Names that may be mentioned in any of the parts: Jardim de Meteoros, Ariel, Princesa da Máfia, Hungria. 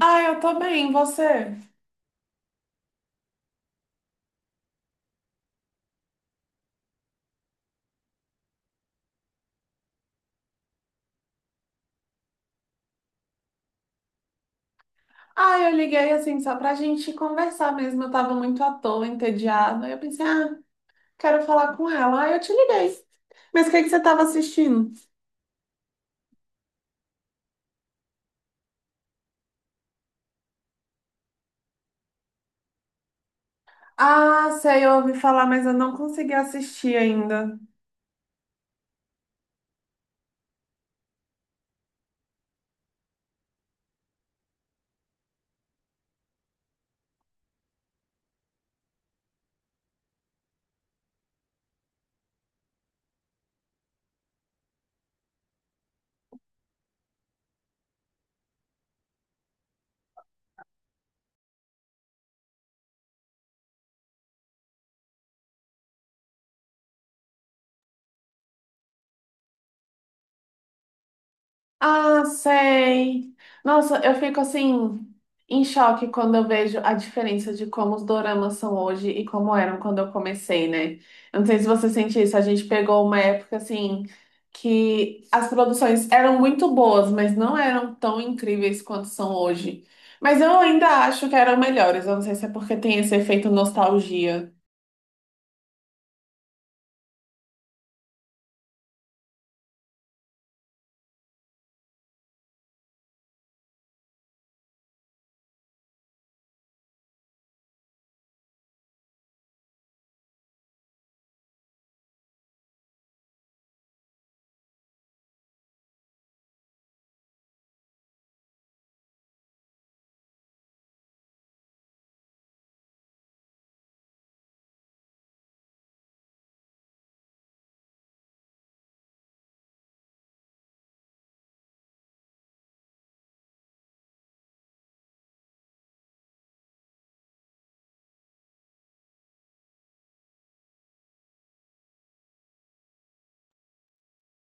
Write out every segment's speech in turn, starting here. Ah, eu tô bem, e você? Ah, eu liguei assim só pra gente conversar mesmo. Eu tava muito à toa, entediada. Aí eu pensei, ah, Quero falar com ela. Ah, eu te liguei. Mas o que que você tava assistindo? Ah, sei, eu ouvi falar, mas eu não consegui assistir ainda. Ah, sei. Nossa, eu fico assim em choque quando eu vejo a diferença de como os doramas são hoje e como eram quando eu comecei, né? Eu não sei se você sente isso, a gente pegou uma época assim que as produções eram muito boas, mas não eram tão incríveis quanto são hoje. Mas eu ainda acho que eram melhores, eu não sei se é porque tem esse efeito nostalgia.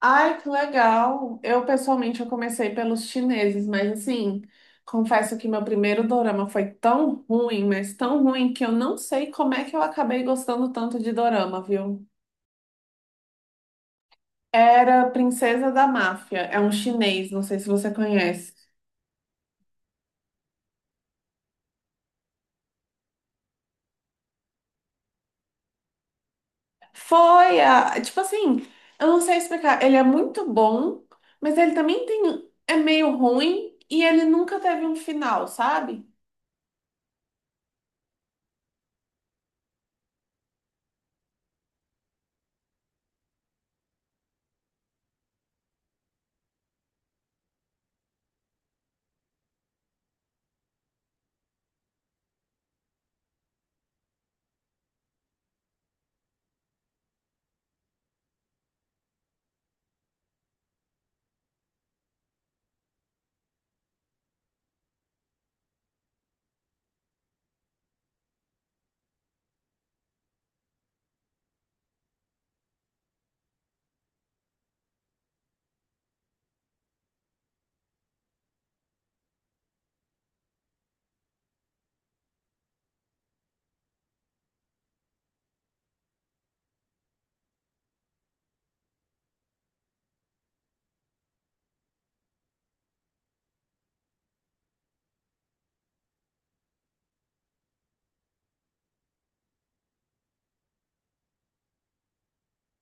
Ai, que legal! Eu, pessoalmente, eu comecei pelos chineses, mas assim, confesso que meu primeiro dorama foi tão ruim, mas tão ruim, que eu não sei como é que eu acabei gostando tanto de dorama, viu? Era Princesa da Máfia, é um chinês, não sei se você conhece. Foi, a, tipo assim, eu não sei explicar, ele é muito bom, mas ele também tem, é meio ruim e ele nunca teve um final, sabe?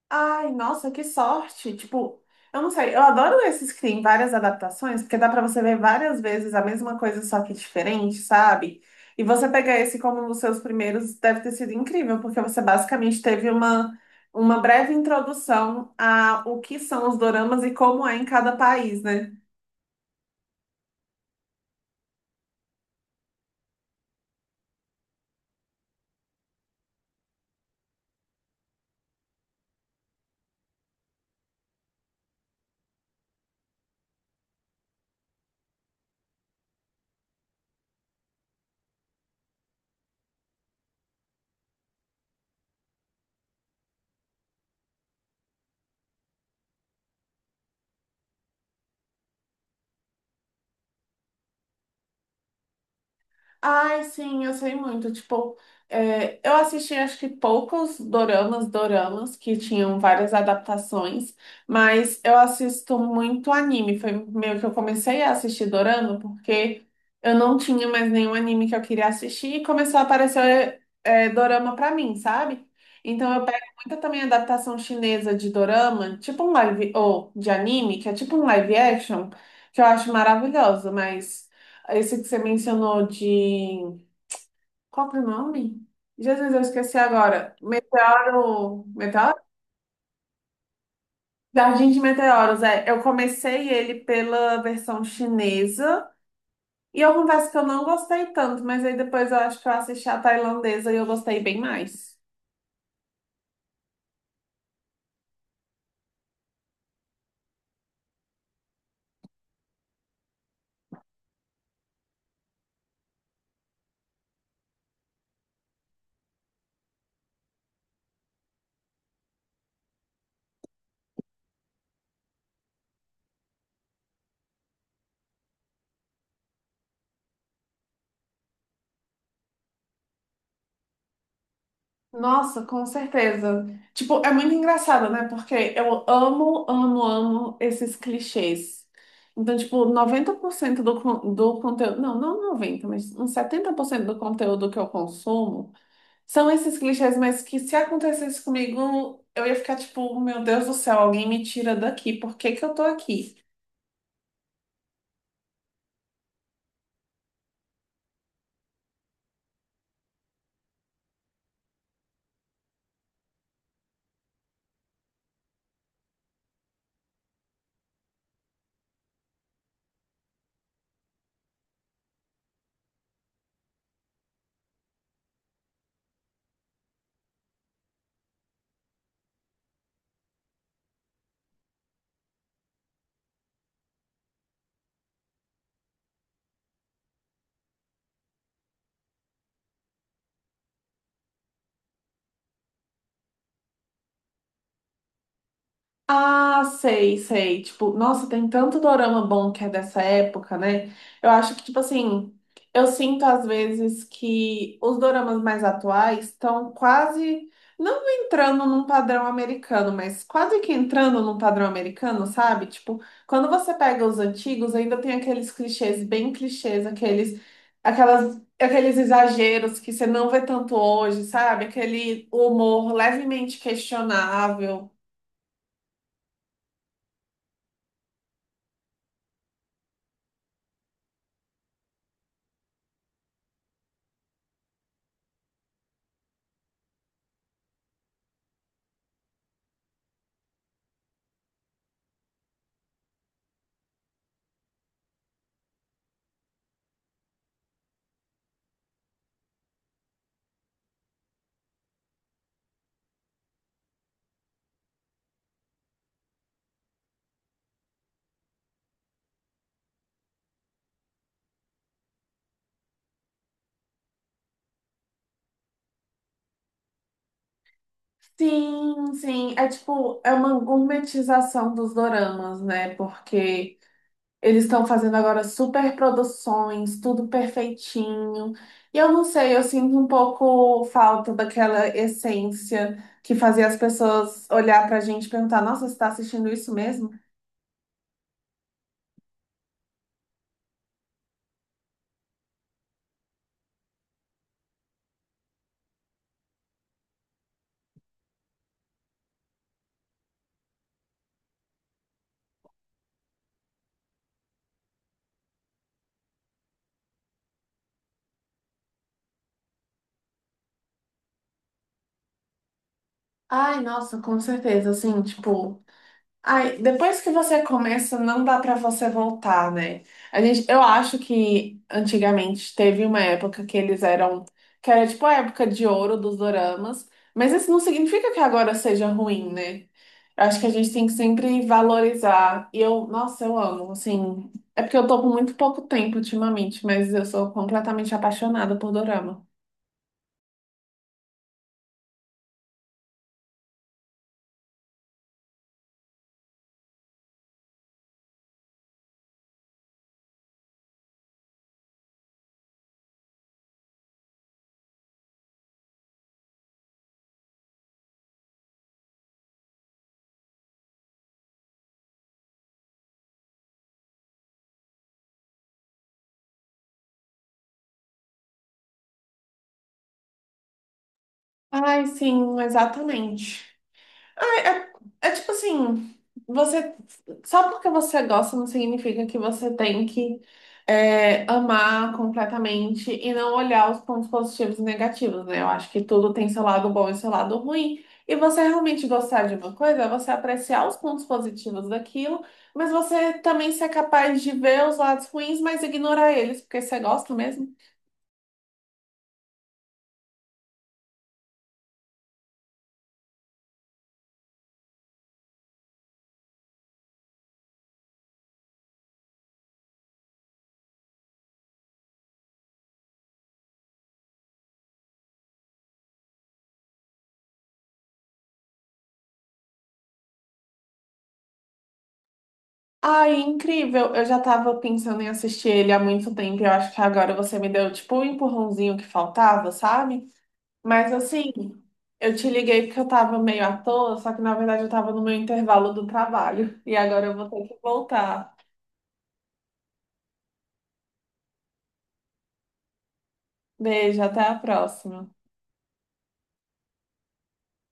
Ai, nossa, que sorte! Tipo, eu não sei, eu adoro esses que tem várias adaptações, porque dá pra você ver várias vezes a mesma coisa, só que diferente, sabe? E você pegar esse como um dos seus primeiros deve ter sido incrível, porque você basicamente teve uma breve introdução a o que são os doramas e como é em cada país, né? Ai, sim, eu sei muito. Tipo, eu assisti acho que poucos doramas, doramas que tinham várias adaptações, mas eu assisto muito anime. Foi meio que eu comecei a assistir dorama porque eu não tinha mais nenhum anime que eu queria assistir e começou a aparecer dorama pra mim, sabe? Então eu pego muita também adaptação chinesa de dorama, tipo um live, ou de anime, que é tipo um live action, que eu acho maravilhoso, mas. Esse que você mencionou de. Qual que é o nome? Jesus, eu esqueci agora. Meteoro. Meteoro? Jardim de Meteoros, é. Eu comecei ele pela versão chinesa. E eu confesso que eu não gostei tanto, mas aí depois eu acho que eu assisti a tailandesa e eu gostei bem mais. Nossa, com certeza. Tipo, é muito engraçado, né? Porque eu amo, amo, amo esses clichês. Então, tipo, 90% do conteúdo. Não, não 90, mas uns 70% do conteúdo que eu consumo são esses clichês, mas que se acontecesse comigo, eu ia ficar tipo, meu Deus do céu, alguém me tira daqui, por que que eu tô aqui? Ah, sei, sei. Tipo, nossa, tem tanto dorama bom que é dessa época, né? Eu acho que, tipo assim, eu sinto às vezes que os doramas mais atuais estão quase, não entrando num padrão americano, mas quase que entrando num padrão americano, sabe? Tipo, quando você pega os antigos, ainda tem aqueles clichês bem clichês, aquelas, aqueles exageros que você não vê tanto hoje, sabe? Aquele humor levemente questionável. Sim, sim. É tipo, é uma gourmetização dos doramas, né? Porque eles estão fazendo agora super produções, tudo perfeitinho. E eu não sei, eu sinto um pouco falta daquela essência que fazia as pessoas olhar pra gente e perguntar: Nossa, você tá assistindo isso mesmo? Ai, nossa, com certeza. Assim, tipo. Ai, depois que você começa, não dá pra você voltar, né? A gente, eu acho que antigamente teve uma época que eles eram, que era tipo a época de ouro dos doramas, mas isso não significa que agora seja ruim, né? Eu acho que a gente tem que sempre valorizar. E eu, nossa, eu amo, assim, é porque eu tô com muito pouco tempo ultimamente, mas eu sou completamente apaixonada por dorama. Ai, sim, exatamente. Ah, é tipo assim, você só porque você gosta não significa que você tem que amar completamente e não olhar os pontos positivos e negativos, né? Eu acho que tudo tem seu lado bom e seu lado ruim. E você realmente gostar de uma coisa é você apreciar os pontos positivos daquilo, mas você também ser capaz de ver os lados ruins, mas ignorar eles, porque você gosta mesmo. Ai, incrível! Eu já tava pensando em assistir ele há muito tempo. Eu acho que agora você me deu tipo o empurrãozinho que faltava, sabe? Mas assim, eu te liguei porque eu tava meio à toa, só que na verdade eu tava no meu intervalo do trabalho. E agora eu vou ter que voltar. Beijo, até a próxima.